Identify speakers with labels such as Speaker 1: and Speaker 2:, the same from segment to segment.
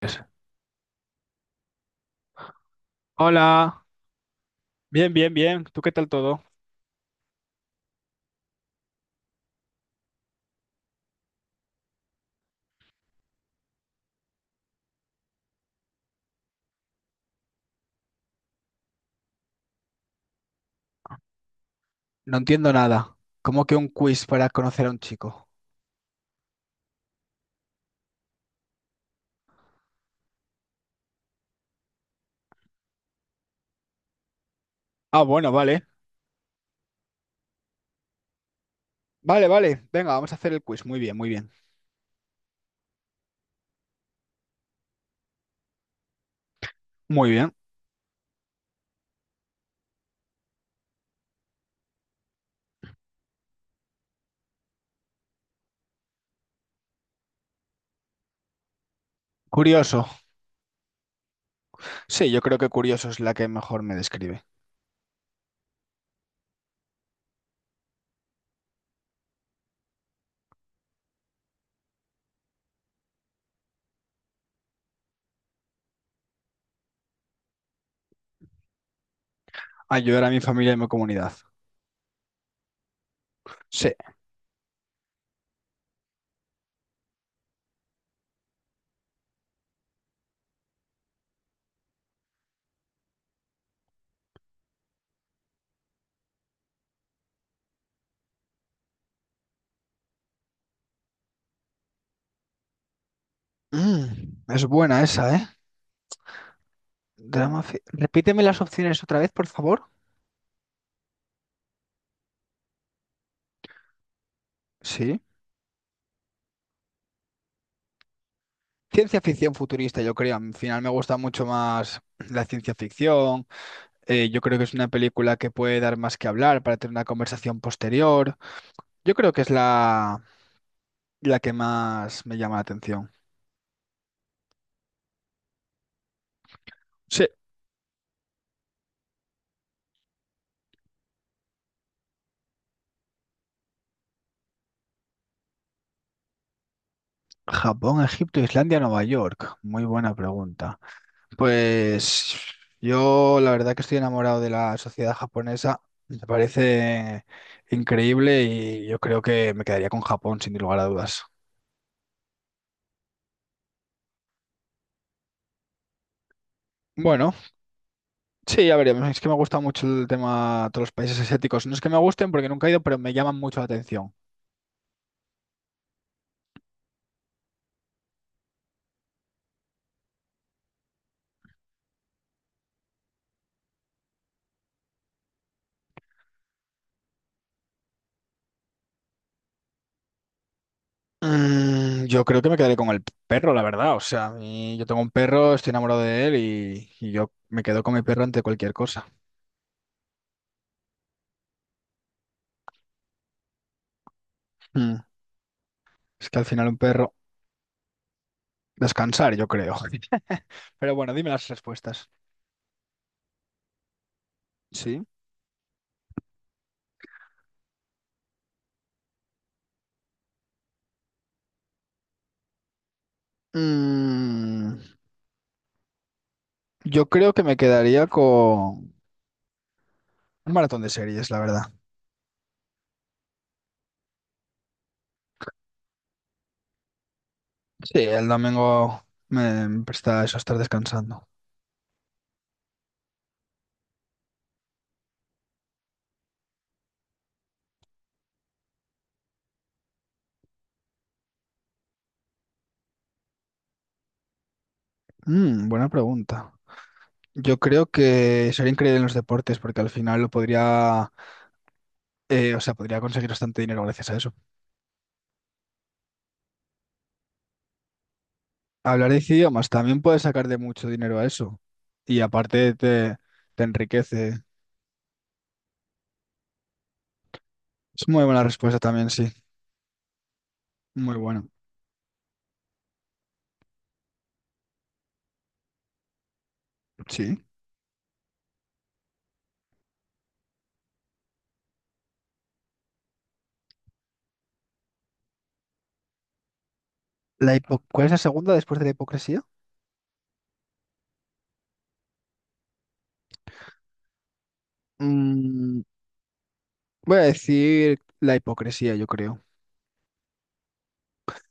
Speaker 1: Pues, hola, bien, bien, bien. ¿Tú qué tal todo? No entiendo nada. ¿Cómo que un quiz para conocer a un chico? Ah, bueno, vale. Vale, vale. Venga, vamos a hacer el quiz. Muy bien, muy bien. Muy bien. Curioso. Sí, yo creo que curioso es la que mejor me describe. Ayudar a mi familia y mi comunidad. Sí. Mm, es buena esa, ¿eh? Repíteme las opciones otra vez, por favor. Sí. Ciencia ficción futurista, yo creo. Al final me gusta mucho más la ciencia ficción. Yo creo que es una película que puede dar más que hablar para tener una conversación posterior. Yo creo que es la que más me llama la atención. Sí, Japón, Egipto, Islandia, Nueva York. Muy buena pregunta. Pues yo la verdad que estoy enamorado de la sociedad japonesa. Me parece increíble y yo creo que me quedaría con Japón sin lugar a dudas. Bueno, sí, ya veremos. Es que me gusta mucho el tema de todos los países asiáticos. No es que me gusten porque nunca he ido, pero me llaman mucho la atención. Yo creo que me quedaré con el perro, la verdad. O sea, yo tengo un perro, estoy enamorado de él y yo me quedo con mi perro ante cualquier cosa. Mm. Es que al final un perro, descansar, yo creo. Pero bueno, dime las respuestas. Sí. Mm, yo creo que me quedaría con un maratón de series, la verdad. Sí, el domingo me presta eso estar descansando. Buena pregunta. Yo creo que sería increíble en los deportes porque al final lo podría, o sea, podría conseguir bastante dinero gracias a eso. Hablar 10 idiomas también puedes sacar de mucho dinero a eso. Y aparte te, te enriquece. Es muy buena respuesta también, sí. Muy buena. Sí. ¿Cuál es la segunda después de la hipocresía? Mm, voy a decir la hipocresía, yo creo.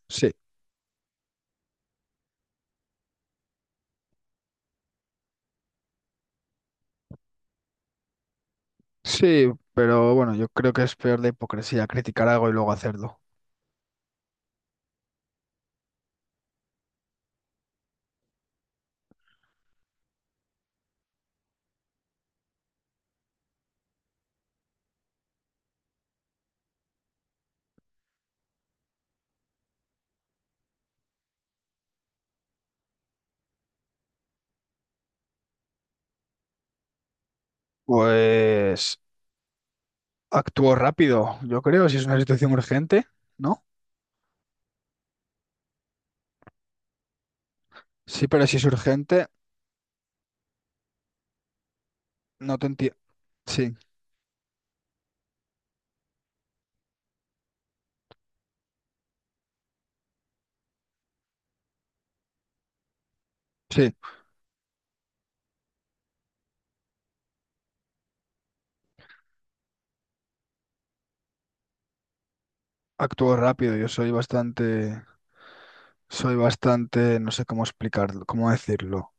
Speaker 1: Sí. Sí, pero bueno, yo creo que es peor la hipocresía, criticar algo y luego hacerlo. Pues actúo rápido, yo creo, si es una situación urgente, ¿no? Sí, pero si es urgente, no te entiendo. Sí, sí. Actúo rápido, yo soy bastante, no sé cómo explicarlo, cómo decirlo.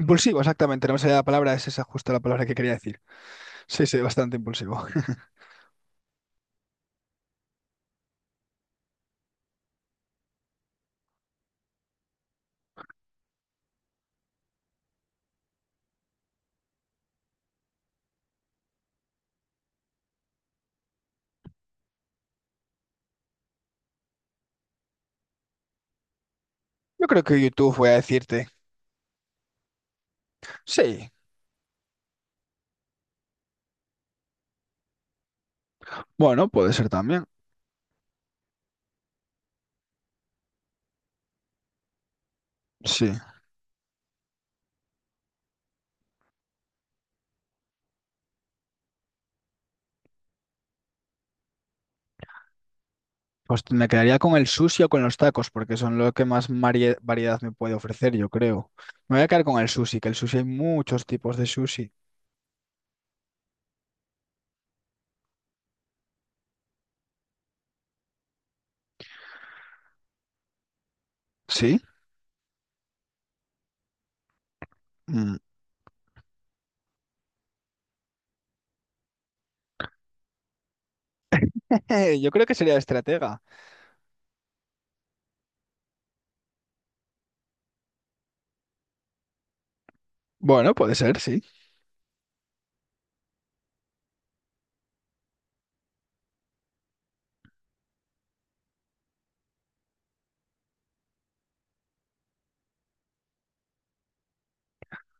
Speaker 1: Impulsivo, exactamente, no me salía la palabra, es esa justo la palabra que quería decir. Sí, sí, bastante impulsivo. Yo creo que YouTube voy a decirte. Sí, bueno, puede ser también. Sí. Pues me quedaría con el sushi o con los tacos, porque son lo que más variedad me puede ofrecer, yo creo. Me voy a quedar con el sushi, que el sushi hay muchos tipos de sushi. ¿Sí? Mm. Yo creo que sería estratega. Bueno, puede ser, sí.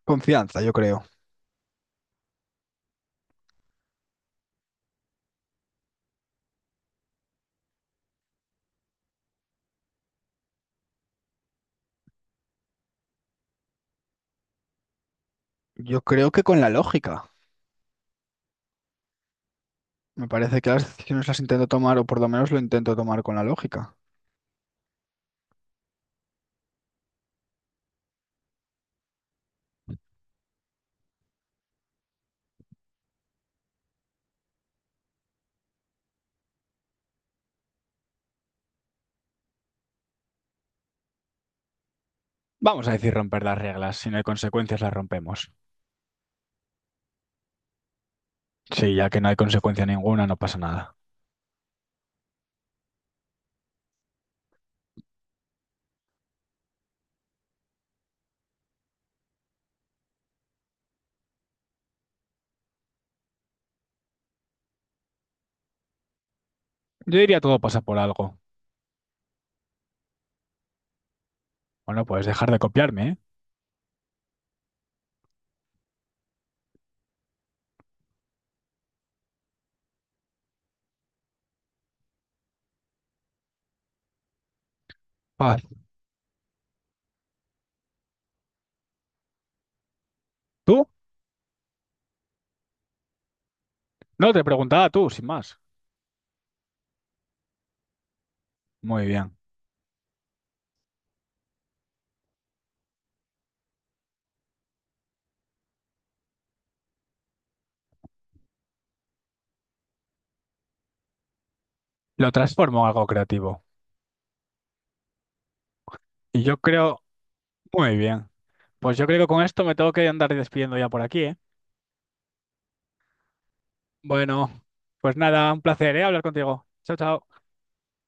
Speaker 1: Confianza, yo creo. Yo creo que con la lógica. Me parece que las decisiones las intento tomar, o por lo menos lo intento tomar con la lógica. Vamos a decir romper las reglas. Si no hay consecuencias, las rompemos. Sí, ya que no hay consecuencia ninguna, no pasa nada. Yo diría todo pasa por algo. Bueno, puedes dejar de copiarme, ¿eh? Paz. ¿Tú? No, te preguntaba tú, sin más. Muy bien. Lo transformo en algo creativo. Y yo creo... Muy bien. Pues yo creo que con esto me tengo que andar despidiendo ya por aquí, ¿eh? Bueno, pues nada, un placer, ¿eh? Hablar contigo. Chao, chao.